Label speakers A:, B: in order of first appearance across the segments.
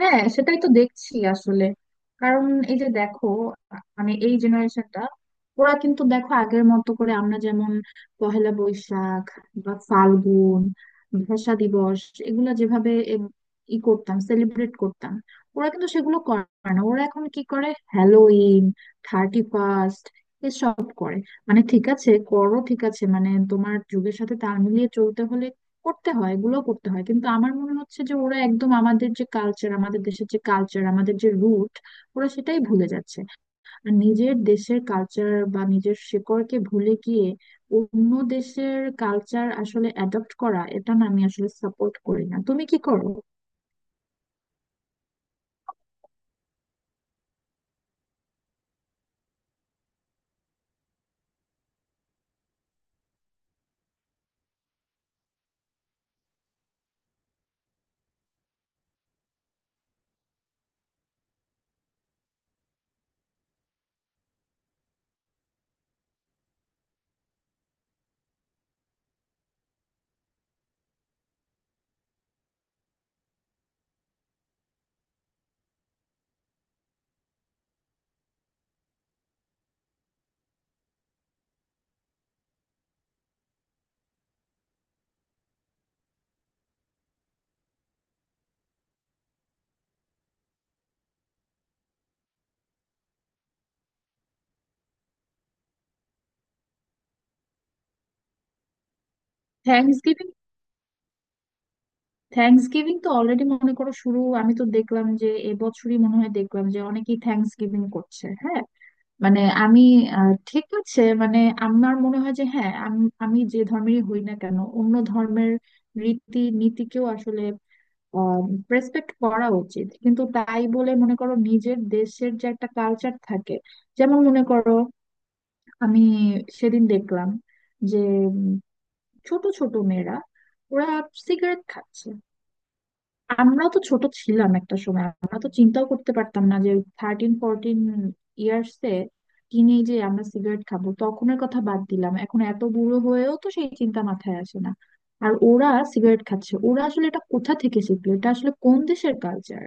A: হ্যাঁ সেটাই তো দেখছি আসলে। কারণ এই যে দেখো, মানে এই জেনারেশনটা ওরা কিন্তু দেখো আগের মতো করে আমরা যেমন পহেলা বৈশাখ বা ফাল্গুন, ভাষা দিবস এগুলা যেভাবে এম, ই করতাম, সেলিব্রেট করতাম, ওরা কিন্তু সেগুলো করে না। ওরা এখন কি করে? হ্যালোইন, থার্টি ফার্স্ট এসব করে। মানে ঠিক আছে করো, ঠিক আছে মানে তোমার যুগের সাথে তাল মিলিয়ে চলতে হলে করতে হয়, এগুলো করতে হয়, কিন্তু আমার মনে হচ্ছে যে ওরা একদম আমাদের যে কালচার, আমাদের দেশের যে কালচার, আমাদের যে রুট, ওরা সেটাই ভুলে যাচ্ছে। আর নিজের দেশের কালচার বা নিজের শিকড়কে ভুলে গিয়ে অন্য দেশের কালচার আসলে অ্যাডপ্ট করা, এটা না, আমি আসলে সাপোর্ট করি না। তুমি কি করো? থ্যাংকস গিভিং, থ্যাংকস গিভিং তো অলরেডি মনে করো শুরু। আমি তো দেখলাম যে এবছরই মনে হয়, দেখলাম যে অনেকেই থ্যাংকস গিভিং করছে। হ্যাঁ, মানে আমি ঠিক আছে, মানে আমার মনে হয় যে হ্যাঁ, আমি আমি যে ধর্মেরই হই না কেন, অন্য ধর্মের রীতি নীতিকেও আসলে রেসপেক্ট করা উচিত, কিন্তু তাই বলে মনে করো নিজের দেশের যে একটা কালচার থাকে। যেমন মনে করো আমি সেদিন দেখলাম যে উম, ছোট ছোট মেয়েরা ওরা সিগারেট খাচ্ছে। আমরা তো ছোট ছিলাম একটা সময়, আমরা তো চিন্তাও করতে পারতাম না যে 13-14 ইয়ার্স এ, টিনেজে আমরা সিগারেট খাবো। তখনের কথা বাদ দিলাম, এখন এত বুড়ো হয়েও তো সেই চিন্তা মাথায় আসে না। আর ওরা সিগারেট খাচ্ছে, ওরা আসলে এটা কোথা থেকে শিখলো, এটা আসলে কোন দেশের কালচার?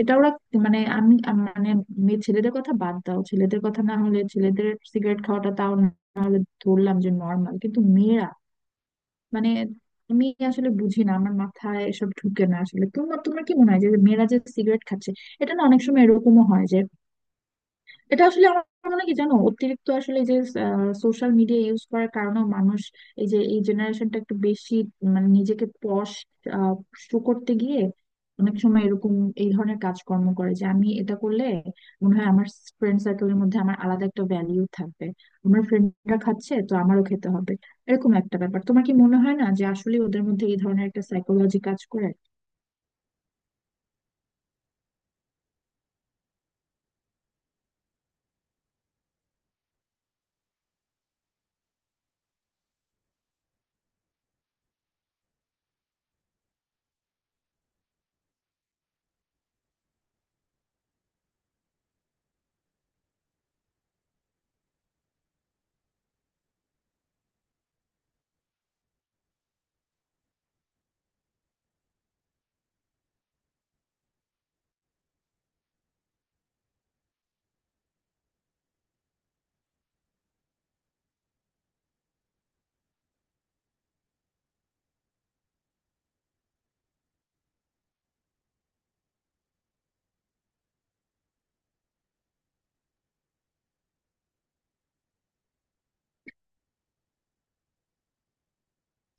A: এটা ওরা মানে মানে মেয়ে ছেলেদের কথা বাদ দাও, ছেলেদের কথা না হলে, ছেলেদের সিগারেট খাওয়াটা তাও না হলে ধরলাম যে নর্মাল, কিন্তু মেয়েরা মানে আমি আসলে বুঝি না, আমার মাথায় এসব ঢুকে না আসলে। তোমার তোমার কি মনে হয় যে মেয়েরা যে সিগারেট খাচ্ছে এটা? না, অনেক সময় এরকমও হয় যে এটা আসলে, আমার মনে হয় কি জানো, অতিরিক্ত আসলে যে সোশ্যাল মিডিয়া ইউজ করার কারণে মানুষ, এই যে এই জেনারেশনটা একটু বেশি মানে নিজেকে শো করতে গিয়ে অনেক সময় এরকম এই ধরনের কাজকর্ম করে, যে আমি এটা করলে মনে হয় আমার ফ্রেন্ড সার্কেলের মধ্যে আমার আলাদা একটা ভ্যালিউ থাকবে, আমার ফ্রেন্ডরা খাচ্ছে তো আমারও খেতে হবে, এরকম একটা ব্যাপার। তোমার কি মনে হয় না যে আসলে ওদের মধ্যে এই ধরনের একটা সাইকোলজি কাজ করে?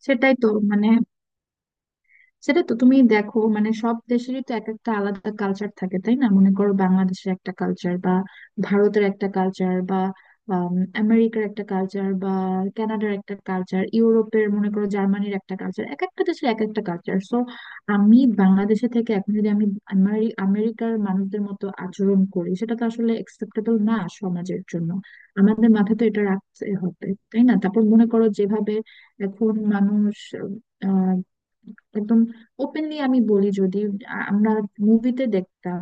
A: সেটাই তো, মানে সেটা তো তুমি দেখো, মানে সব দেশেরই তো এক একটা আলাদা কালচার থাকে তাই না? মনে করো বাংলাদেশের একটা কালচার বা ভারতের একটা কালচার বা আম, আমেরিকার একটা কালচার বা কানাডার একটা কালচার, ইউরোপের মনে করো জার্মানির একটা কালচার, এক একটা দেশের এক একটা কালচার। সো আমি বাংলাদেশে থেকে এখন যদি আমি আমেরিকার মানুষদের মতো আচরণ করি, সেটা তো আসলে একসেপ্টেবল না সমাজের জন্য। আমাদের মাথায় তো এটা রাখতে হবে তাই না? তারপর মনে করো যেভাবে এখন মানুষ একদম ওপেনলি, আমি বলি যদি, আমরা মুভিতে দেখতাম,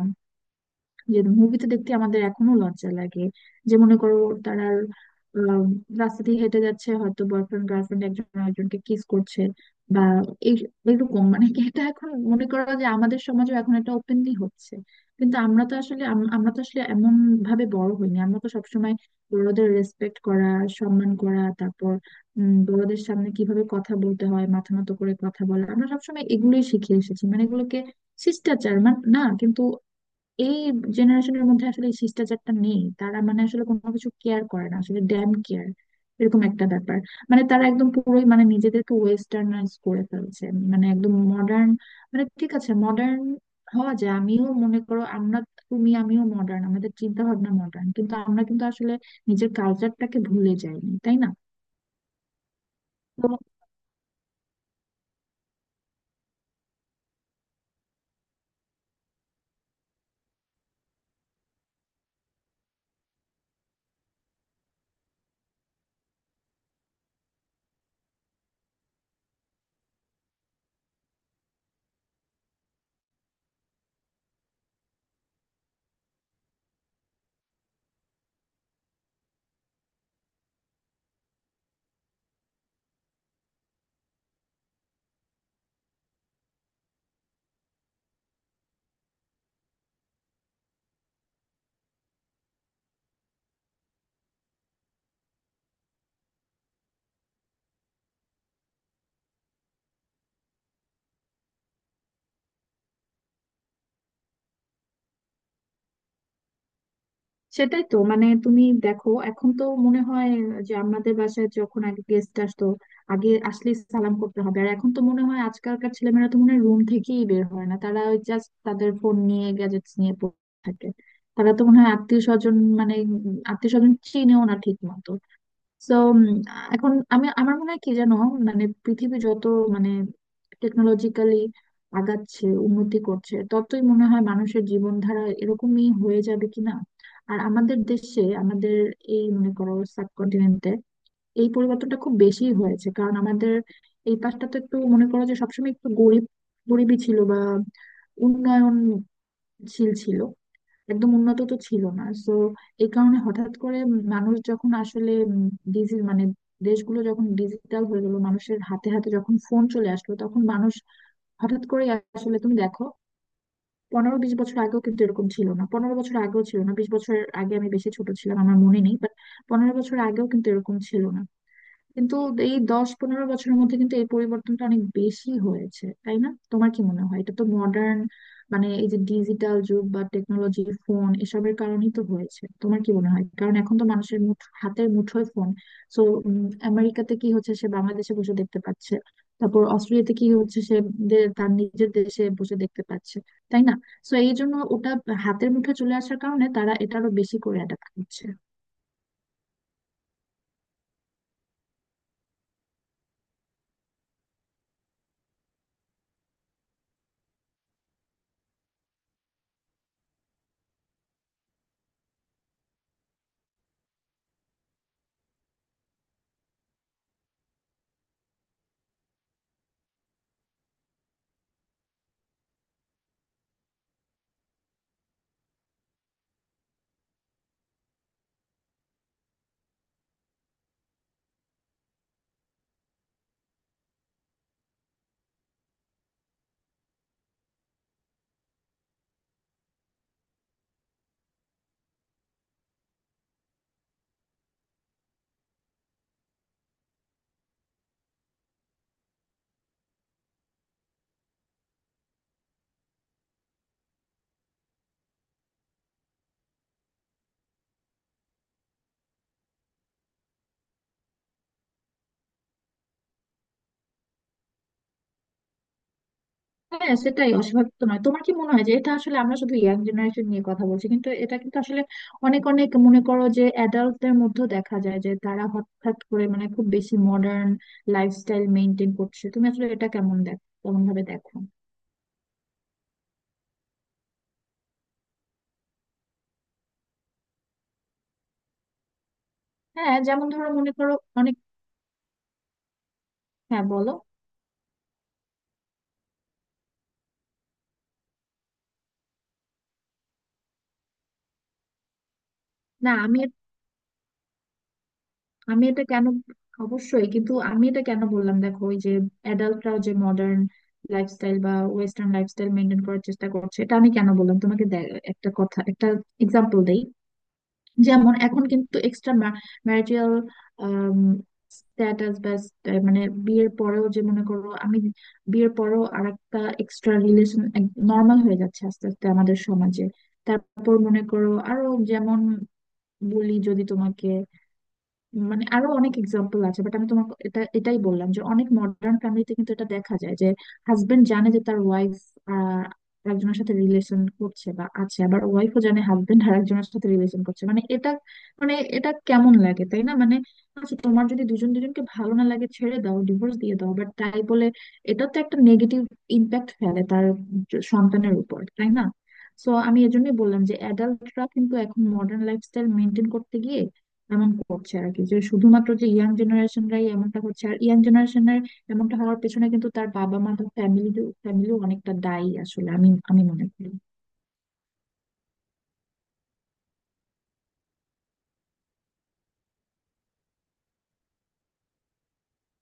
A: যে মুভিতে দেখতে আমাদের এখনো লজ্জা লাগে, যে মনে করো তারা আহ, রাস্তা দিয়ে হেঁটে যাচ্ছে হয়তো, বয়ফ্রেন্ড গার্লফ্রেন্ড একজন আরেকজনকে কিস করছে বা এই এরকম, মানে কি এটা, এখন মনে করো যে আমাদের সমাজে এখন এটা ওপেনলি হচ্ছে। কিন্তু আমরা তো আসলে আমরা তো আসলে এমন ভাবে বড় হইনি। আমরা তো সবসময় বড়দের রেসপেক্ট করা, সম্মান করা, তারপর বড়দের সামনে কিভাবে কথা বলতে হয়, মাথা নত করে কথা বলা, আমরা সবসময় এগুলোই শিখে এসেছি, মানে এগুলোকে শিষ্টাচার মানে, না কিন্তু এই জেনারেশনের মধ্যে আসলে এই শিষ্টাচারটা নেই। তারা মানে আসলে কোনো কিছু কেয়ার করে না আসলে, ড্যাম কেয়ার এরকম একটা ব্যাপার। মানে তারা একদম পুরোই মানে নিজেদেরকে ওয়েস্টার্নাইজ করে ফেলছে, মানে একদম মডার্ন। মানে ঠিক আছে মডার্ন হওয়া যায়, আমিও মনে করো, আমরা, তুমি আমিও মডার্ন, আমাদের চিন্তা ভাবনা মডার্ন, কিন্তু আমরা কিন্তু আসলে নিজের কালচারটাকে ভুলে যাইনি তাই না? তো সেটাই তো, মানে তুমি দেখো এখন তো মনে হয় যে আমাদের বাসায় যখন আগে গেস্ট আসতো, আগে আসলে সালাম করতে হবে, আর এখন তো মনে হয় আজকালকার ছেলেমেয়েরা তো মনে হয় রুম থেকেই বের হয় না, তারা ওই জাস্ট তাদের ফোন নিয়ে, গ্যাজেটস নিয়ে পড়ে থাকে। তারা তো মনে হয় আত্মীয় স্বজন মানে আত্মীয় স্বজন চিনেও না ঠিক মতো। তো এখন আমি, আমার মনে হয় কি জানো, মানে পৃথিবী যত মানে টেকনোলজিক্যালি আগাচ্ছে, উন্নতি করছে, ততই মনে হয় মানুষের জীবনধারা এরকমই হয়ে যাবে কিনা। আর আমাদের দেশে, আমাদের এই মনে করো সাবকন্টিনেন্টে এই পরিবর্তনটা খুব বেশি হয়েছে, কারণ আমাদের এই পাশটা তো একটু মনে করো যে সবসময় একটু গরিবই ছিল বা উন্নয়নশীল ছিল, একদম উন্নত তো ছিল না। সো এই কারণে হঠাৎ করে মানুষ যখন আসলে ডিজি মানে দেশগুলো যখন ডিজিটাল হয়ে গেল, মানুষের হাতে হাতে যখন ফোন চলে আসলো, তখন মানুষ হঠাৎ করে আসলে, তুমি দেখো 15-20 বছর আগেও কিন্তু এরকম ছিল না, 15 বছর আগেও ছিল না, 20 বছর আগে আমি বেশি ছোট ছিলাম, আমার মনে নেই, বাট 15 বছর আগেও কিন্তু এরকম ছিল না, কিন্তু এই 10-15 বছরের মধ্যে কিন্তু এই পরিবর্তনটা অনেক বেশি হয়েছে তাই না? তোমার কি মনে হয়, এটা তো মডার্ন মানে এই যে ডিজিটাল যুগ বা টেকনোলজি ফোন এসবের কারণেই তো হয়েছে, তোমার কি মনে হয়? কারণ এখন তো মানুষের হাতের মুঠোয় ফোন, সো আমেরিকাতে কি হচ্ছে সে বাংলাদেশে বসে দেখতে পাচ্ছে, তারপর অস্ট্রেলিয়াতে কি হচ্ছে সে তার নিজের দেশে বসে দেখতে পাচ্ছে তাই না? সো এই জন্য ওটা হাতের মুঠোয় চলে আসার কারণে তারা এটারও বেশি করে অ্যাডাপ্ট করছে। হ্যাঁ সেটাই, অস্বাভাবিক তো নয়। তোমার কি মনে হয় যে এটা আসলে, আমরা শুধু ইয়াং জেনারেশন নিয়ে কথা বলছি কিন্তু এটা কিন্তু আসলে অনেক, অনেক মনে করো যে অ্যাডাল্টদের মধ্যেও দেখা যায় যে তারা হঠাৎ করে মানে খুব বেশি মডার্ন লাইফস্টাইল মেনটেন করছে। তুমি আসলে এটা কেমন দেখো, কেমন ভাবে দেখো? হ্যাঁ যেমন ধরো মনে করো অনেক, হ্যাঁ বলো, না আমি আমি এটা কেন, অবশ্যই, কিন্তু আমি এটা কেন বললাম দেখো, ওই যে অ্যাডাল্টরাও যে মডার্ন লাইফস্টাইল বা ওয়েস্টার্ন লাইফস্টাইল মেনটেন করার চেষ্টা করছে, এটা আমি কেন বললাম তোমাকে, একটা কথা, একটা এক্সাম্পল দেই। যেমন এখন কিন্তু এক্সট্রা ম্যারিটাল স্ট্যাটাস বা মানে বিয়ের পরেও যে মনে করো আমি বিয়ের পরেও আরেকটা এক্সট্রা রিলেশন নর্মাল হয়ে যাচ্ছে আস্তে আস্তে আমাদের সমাজে। তারপর মনে করো আরো, যেমন বলি যদি তোমাকে, মানে আরো অনেক এক্সাম্পল আছে বাট আমি তোমাকে এটাই বললাম যে অনেক মডার্ন ফ্যামিলিতে কিন্তু এটা দেখা যায় যে হাজবেন্ড জানে যে তার ওয়াইফ একজনের সাথে রিলেশন করছে বা আছে, আবার ওয়াইফও জানে হাজবেন্ড আরেকজনের সাথে রিলেশন করছে, মানে এটা, মানে এটা কেমন লাগে তাই না? মানে আচ্ছা, তোমার যদি দুজন দুজনকে ভালো না লাগে ছেড়ে দাও, ডিভোর্স দিয়ে দাও, বাট তাই বলে এটা তো একটা নেগেটিভ ইম্প্যাক্ট ফেলে তার সন্তানের উপর তাই না? সো আমি এজন্যই বললাম যে অ্যাডাল্টরা কিন্তু এখন মডার্ন লাইফস্টাইল মেনটেন এমন করছে আর কি, যে শুধুমাত্র যে ইয়াং জেনারেশনরাই এমনটা হচ্ছে। আর ইয়াং জেনারেশনের এমনটা হওয়ার পেছনে কিন্তু তার বাবা মা, তার ফ্যামিলিও অনেকটা দায়ী আসলে, আমি আমি মনে করি।